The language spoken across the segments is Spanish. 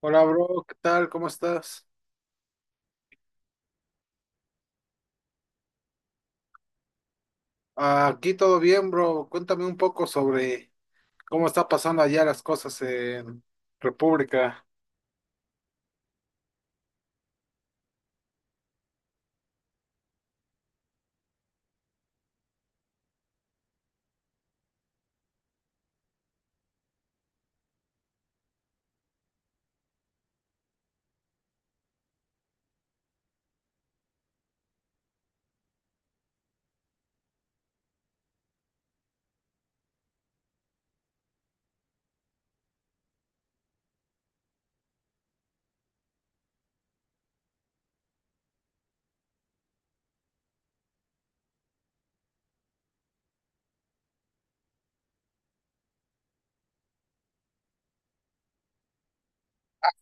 Hola, bro, ¿qué tal? ¿Cómo estás? Aquí todo bien, bro. Cuéntame un poco sobre cómo está pasando allá las cosas en República.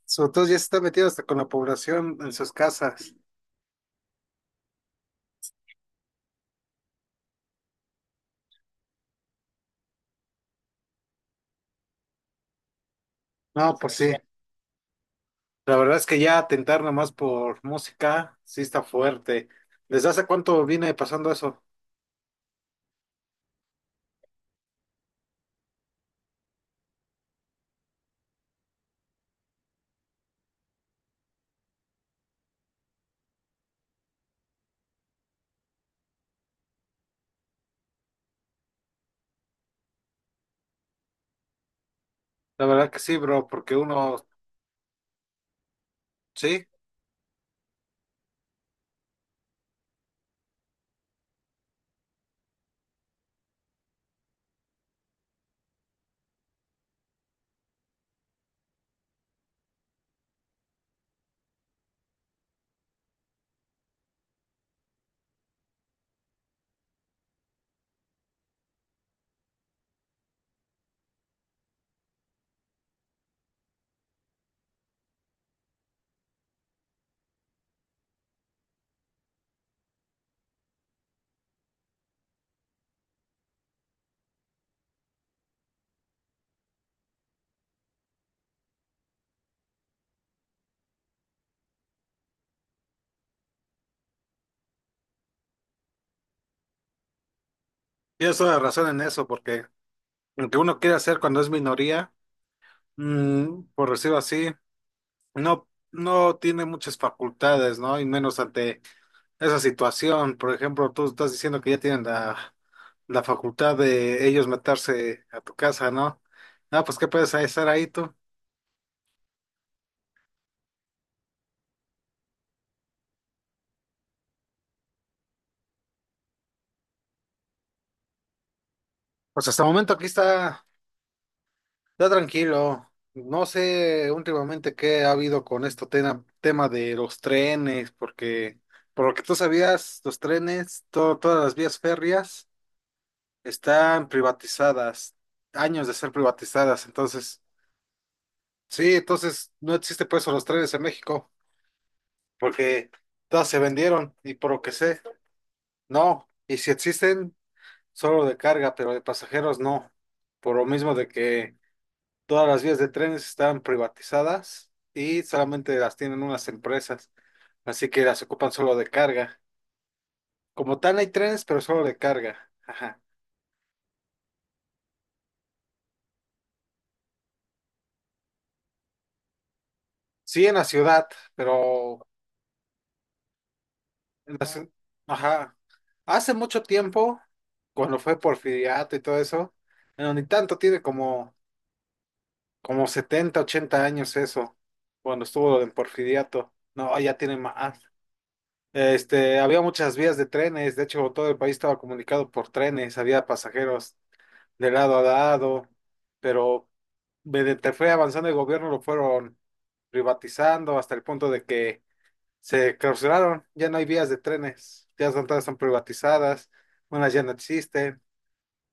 Sobre todo ya se está metido hasta con la población en sus casas. No, pues sí. La verdad es que ya atentar nomás por música sí está fuerte. ¿Desde hace cuánto viene pasando eso? La verdad que sí, bro, porque uno, sí, tienes toda la razón en eso, porque aunque uno quiere hacer cuando es minoría, por decirlo así. No, no tiene muchas facultades, ¿no? Y menos ante esa situación. Por ejemplo, tú estás diciendo que ya tienen la facultad de ellos meterse a tu casa, ¿no? No, pues qué puedes estar ahí tú. Pues hasta el momento aquí está tranquilo. No sé últimamente qué ha habido con esto tema de los trenes, porque por lo que tú sabías, los trenes, todas las vías férreas están privatizadas, años de ser privatizadas, entonces. Sí, entonces no existe por eso los trailers en México, porque todas se vendieron y por lo que sé, no. Y si existen, solo de carga, pero de pasajeros no. Por lo mismo de que todas las vías de trenes están privatizadas y solamente las tienen unas empresas, así que las ocupan solo de carga. Como tal hay trenes, pero solo de carga. Ajá. Sí en la ciudad, pero Las- ajá. Hace mucho tiempo, cuando fue Porfiriato y todo eso, bueno, ni tanto tiene como 70 80 años eso, cuando estuvo lo del Porfiriato. No, ya tiene más. Había muchas vías de trenes, de hecho todo el país estaba comunicado por trenes, había pasajeros de lado a lado, pero mediante fue avanzando el gobierno lo fueron privatizando hasta el punto de que se clausuraron, ya no hay vías de trenes, ya son, todas están privatizadas, unas ya no existen,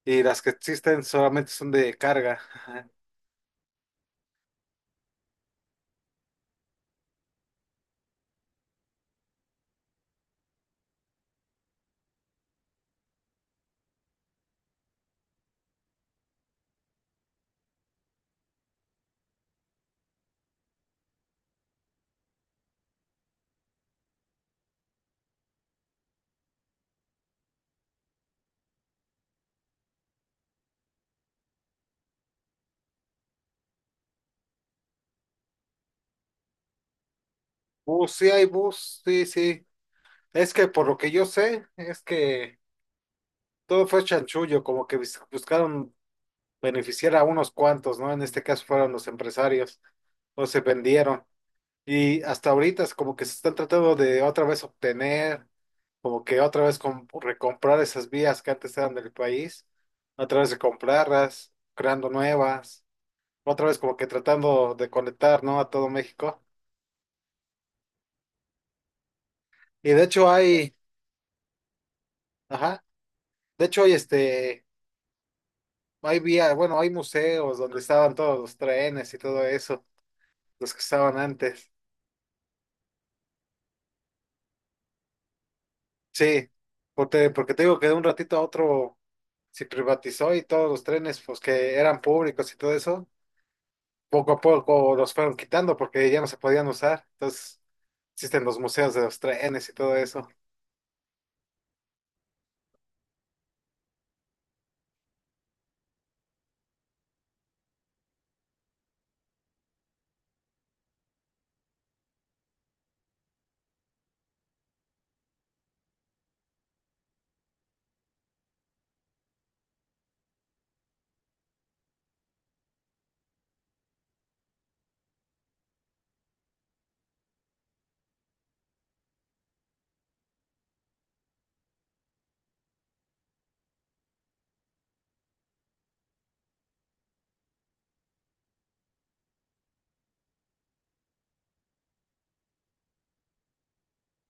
y las que existen solamente son de carga. Ajá. Bus, sí hay bus, sí, sí. Es que por lo que yo sé, es que todo fue chanchullo, como que buscaron beneficiar a unos cuantos, ¿no? En este caso fueron los empresarios, o se vendieron. Y hasta ahorita es como que se están tratando de otra vez obtener. Como que otra vez recomprar esas vías que antes eran del país, otra vez comprarlas, creando nuevas, otra vez como que tratando de conectar, ¿no? A todo México. Y de hecho hay, ajá, de hecho hay hay vía, bueno, hay museos donde estaban todos los trenes y todo eso, los que estaban antes. Sí, porque te digo que de un ratito a otro se privatizó y todos los trenes, pues que eran públicos y todo eso, poco a poco los fueron quitando porque ya no se podían usar. Entonces existen los museos de los trenes y todo eso.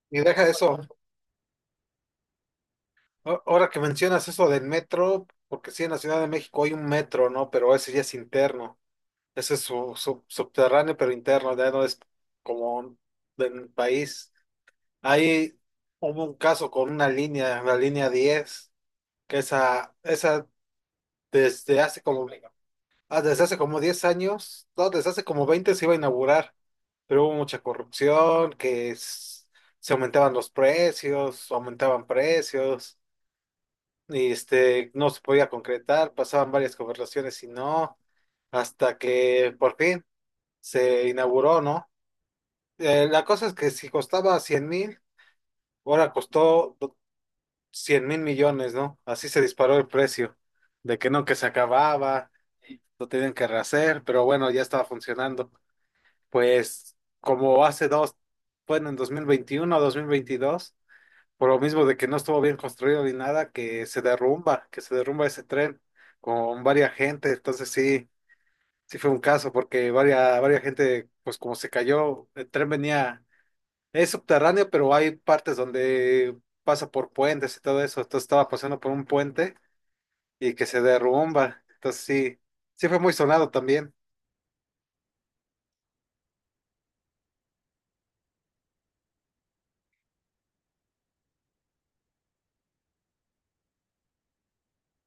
Y deja eso. Ahora que mencionas eso del metro, porque sí, en la Ciudad de México hay un metro, ¿no? Pero ese ya es interno. Ese es subterráneo, pero interno, ya no es como del país. Ahí hubo un caso con una línea, la línea 10, que esa desde hace como, ah, desde hace como 10 años, no, desde hace como 20 se iba a inaugurar, pero hubo mucha corrupción, que se aumentaban los precios, aumentaban precios, y no se podía concretar, pasaban varias conversaciones y no, hasta que por fin se inauguró, ¿no? La cosa es que si costaba 100.000, ahora costó 100 mil millones, ¿no? Así se disparó el precio, de que no, que se acababa, lo tenían que rehacer, pero bueno, ya estaba funcionando. Pues como hace dos, bueno, en 2021 o veintidós, por lo mismo de que no estuvo bien construido ni nada, que se derrumba ese tren con varias gente. Entonces sí, sí fue un caso porque varias gente, pues como se cayó, el tren venía, es subterráneo, pero hay partes donde pasa por puentes y todo eso. Entonces estaba pasando por un puente y que se derrumba. Entonces sí, sí fue muy sonado también.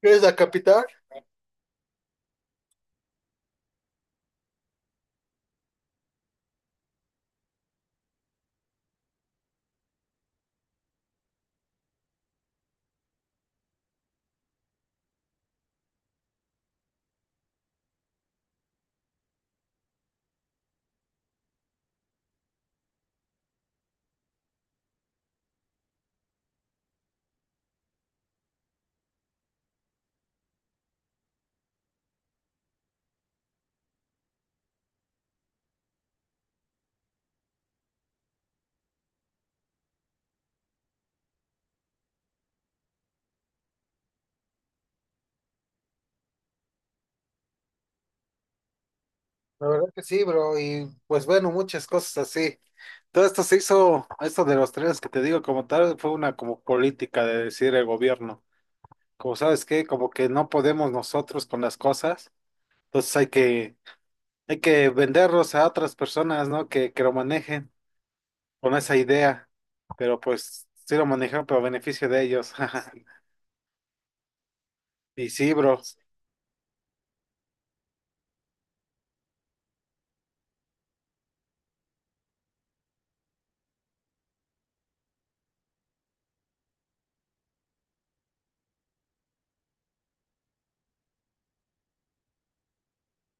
¿Qué es la capital? La verdad que sí, bro, y pues bueno, muchas cosas así. Todo esto se hizo, esto de los trenes que te digo como tal, fue una como política de decir el gobierno. Como sabes qué, como que no podemos nosotros con las cosas, entonces hay que venderlos a otras personas, ¿no? Que lo manejen con esa idea, pero pues sí lo manejan, pero a beneficio de ellos. Y sí, bro,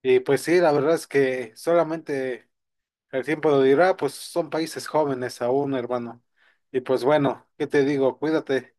y pues sí, la verdad es que solamente. El tiempo lo dirá, pues son países jóvenes aún, hermano. Y pues bueno, ¿qué te digo? Cuídate.